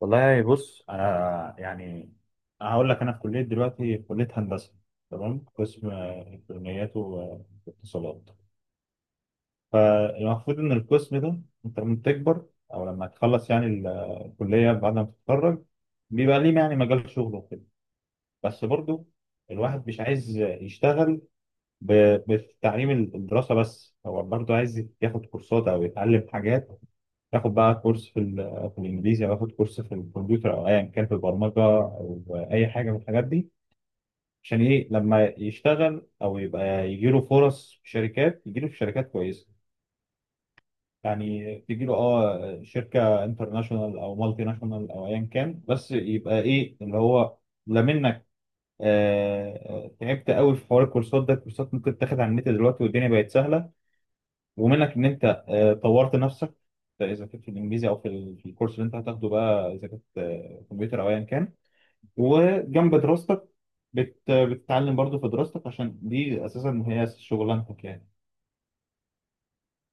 والله بص انا يعني هقول لك انا في كليه دلوقتي في كليه هندسه. تمام. قسم الكترونيات واتصالات. فالمفروض ان القسم ده انت لما تكبر او لما تخلص يعني الكليه بعد ما تتخرج بيبقى ليه يعني مجال شغل وكده. بس برضو الواحد مش عايز يشتغل بتعليم الدراسه، بس هو برضو عايز ياخد كورسات او يتعلم حاجات، اخد بقى كورس في الانجليزي، او اخد كورس في الكمبيوتر، او ايا كان في البرمجه، او اي حاجه من الحاجات دي. عشان ايه؟ لما يشتغل او يبقى يجي له فرص في شركات، يجي له في شركات كويسه، يعني تجي له اه شركه انترناشونال او مالتي ناشونال او ايا كان، بس يبقى ايه اللي هو لا منك. آه، تعبت قوي في حوار الكورسات ده. الكورسات ممكن تاخد على النت دلوقتي والدنيا بقت سهله، ومنك ان انت طورت نفسك. اذا كنت في الانجليزي او في الكورس اللي انت هتاخده، بقى اذا كنت كمبيوتر او ايا كان، وجنب دراستك بتتعلم برضو في دراستك، عشان دي اساسا هي شغلانتك يعني.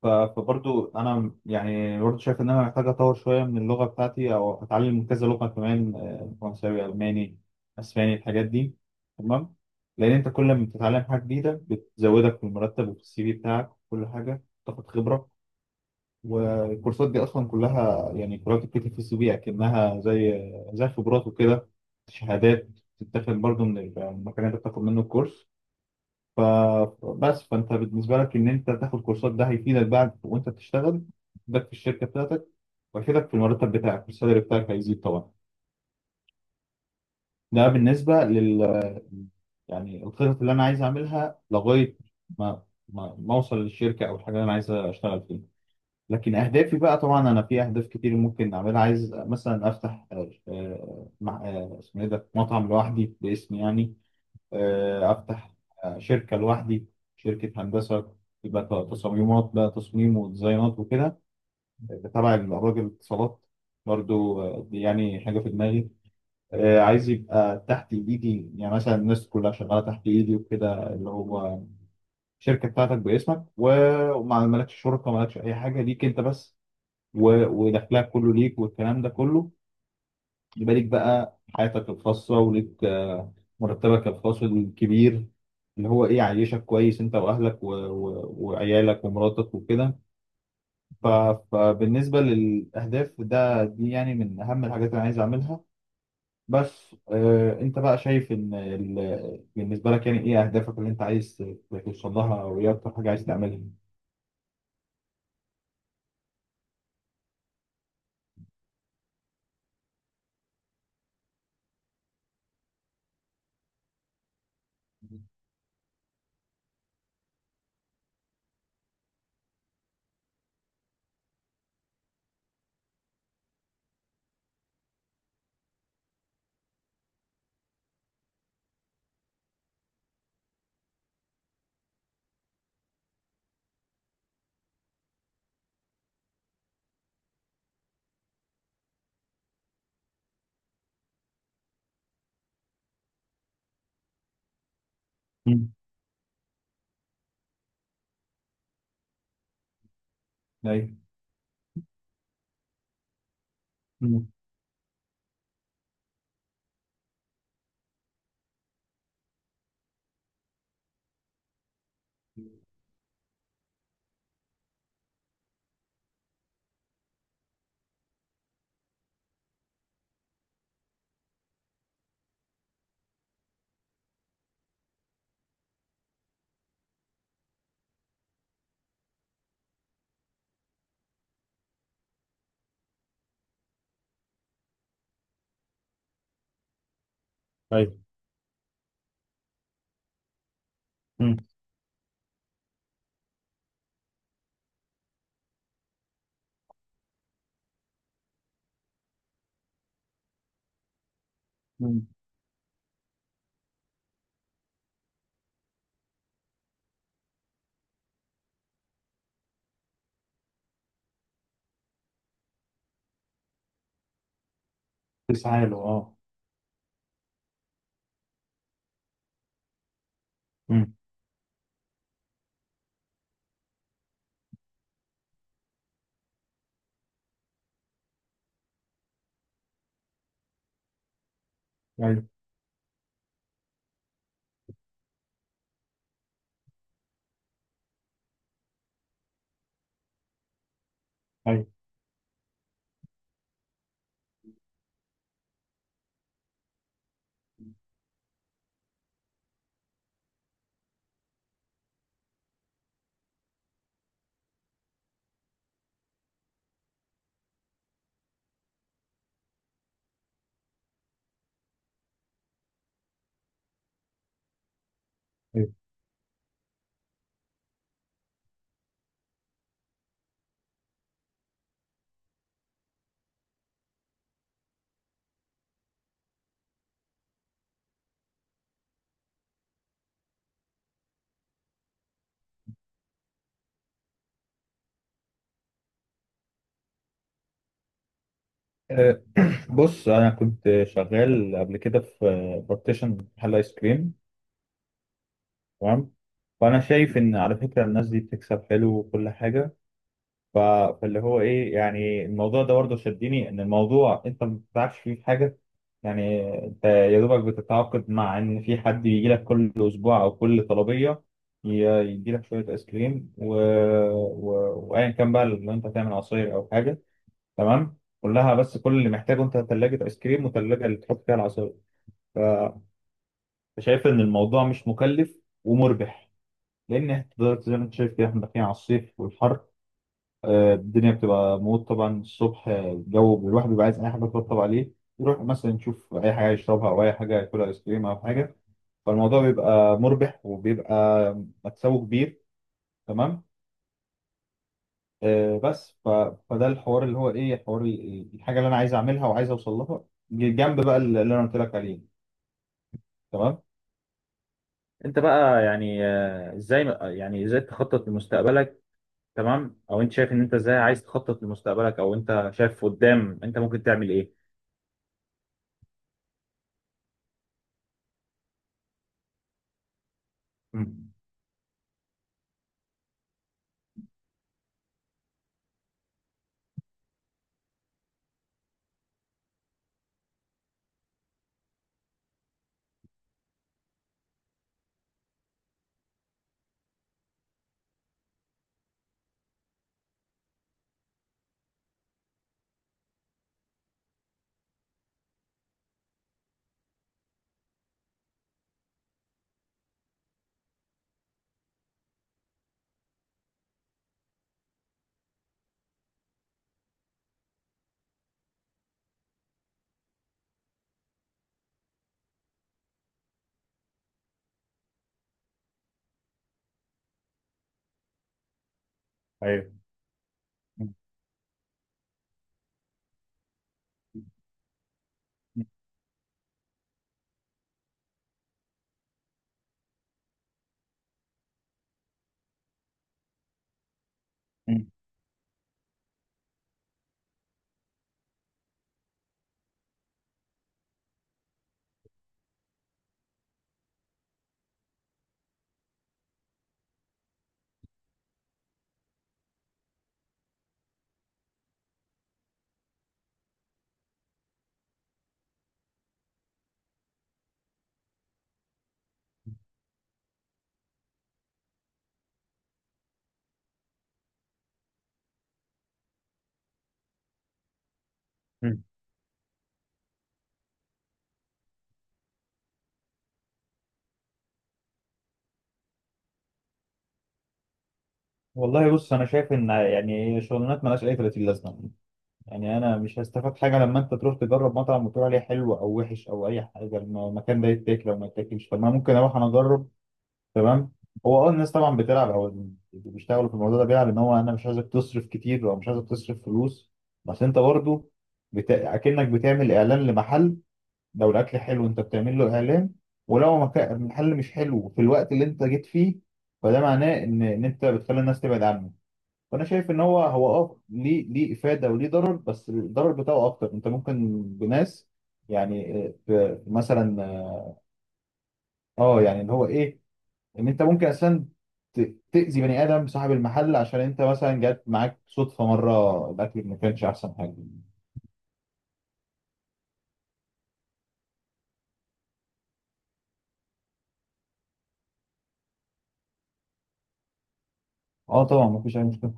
فبرضو انا يعني برضو شايف ان انا محتاج اطور شويه من اللغه بتاعتي او اتعلم كذا لغه كمان، فرنساوي، الماني، اسباني، الحاجات دي. تمام. لان انت كل ما بتتعلم حاجه جديده بتزودك في المرتب وفي السي في بتاعك، وكل حاجه تاخد خبره. والكورسات دي اصلا كلها يعني كلها بتتكتب في السي في، اكنها زي خبرات وكده. شهادات بتتاخد برضه من المكان اللي بتاخد منه الكورس. فبس، فانت بالنسبه لك ان انت تاخد كورسات، ده هيفيدك بعد وانت بتشتغل، هيفيدك في الشركه بتاعتك، وهيفيدك في المرتب بتاعك، والسالري بتاعك هيزيد طبعا. ده بالنسبه لل يعني الخطط اللي انا عايز اعملها لغايه ما ما اوصل للشركه او الحاجه اللي انا عايز اشتغل فيها. لكن اهدافي بقى، طبعا انا في اهداف كتير ممكن اعملها. عايز مثلا افتح، آه، آه، مع آه، اسمه ايه ده، مطعم لوحدي باسمي يعني. افتح شركه لوحدي، شركه هندسه، يبقى تصميمات بقى، تصميم وديزاينات وكده، تبع الراجل الاتصالات. برضو دي يعني حاجه في دماغي. عايز يبقى تحت ايدي، يعني مثلا الناس كلها شغاله تحت ايدي وكده، اللي هو الشركه بتاعتك باسمك، وما مالكش شركه، مالكش اي حاجه ليك انت بس، ودخلها كله ليك، والكلام ده كله. يبقى ليك بقى حياتك الخاصة، وليك مرتبك الخاص الكبير، اللي هو ايه يعيشك كويس انت واهلك وعيالك ومراتك وكده. ف... فبالنسبة للأهداف ده، دي يعني من أهم الحاجات اللي أنا عايز أعملها. بس أنت بقى شايف إن بالنسبة لك يعني إيه أهدافك اللي أنت عايز توصل لها، أو إيه أكتر حاجة عايز تعملها؟ مم. أيوه. مم. أيوه. مم. مم. تسعى له. أه. ايوه. ايوه. ايوه. آه، بص انا كنت شغال قبل كده في بارتيشن محل ايس كريم. تمام. فانا شايف ان على فكره الناس دي بتكسب حلو وكل حاجه. ف- فاللي هو ايه يعني، الموضوع ده برضه شدني، ان الموضوع انت ما بتتعبش فيه في حاجه، يعني انت يا دوبك بتتعاقد مع ان في حد يجي لك كل اسبوع او كل طلبيه، يدي لك شويه ايس كريم وايا كان، بقى لو انت هتعمل عصير او حاجه. تمام، كلها، بس كل اللي محتاجه انت ثلاجه ايس كريم وثلاجه اللي تحط فيها العصاير. ف- فشايف ان الموضوع مش مكلف ومربح، لان إحنا دلوقتي زي ما انت شايف كده احنا داخلين على الصيف والحر. الدنيا بتبقى موت طبعا، الصبح الجو، الواحد بيبقى عايز اي حاجه تطبطب عليه، يروح مثلا يشوف اي حاجه يشربها او اي حاجه ياكلها، ايس كريم او حاجه. فالموضوع بيبقى مربح وبيبقى مكسبه كبير. تمام. آه، بس ف... فده الحوار اللي هو ايه، حوار الحاجه اللي انا عايز اعملها وعايز اوصل لها، جنب بقى اللي انا قلت لك عليه. تمام. انت بقى يعني ازاي، يعني ازاي تخطط لمستقبلك؟ تمام. او انت شايف ان انت ازاي عايز تخطط لمستقبلك، او انت شايف قدام انت ممكن تعمل ايه؟ مم. ايوه. مم. مم. والله بص انا شايف ان يعني شغلانات مالهاش اي 30 لازمه. يعني انا مش هستفاد حاجه لما انت تروح تجرب مطعم وتقول عليه حلو او وحش او اي حاجه، المكان ده يتاكل او ما يتاكلش؟ طب ما ممكن اروح انا اجرب. تمام. هو اه الناس طبعا بتلعب، او اللي بيشتغلوا في الموضوع ده بيلعب، ان هو انا مش عايزك تصرف كتير او مش عايزك تصرف فلوس، بس انت برضه اكنك بتعمل اعلان لمحل. لو الاكل حلو، انت بتعمل له اعلان، ولو مكان المحل مش حلو في الوقت اللي انت جيت فيه، فده معناه ان انت بتخلي الناس تبعد عنه. وانا شايف ان هو اه ليه افاده وليه ضرر، بس الضرر بتاعه اكتر، انت ممكن بناس، يعني مثلا اه، يعني اللي هو ايه، ان انت ممكن اصلا تاذي بني ادم صاحب المحل، عشان انت مثلا جات معاك صدفه مره الاكل ما كانش احسن حاجه. اه طبعا ما فيش اي مشكله.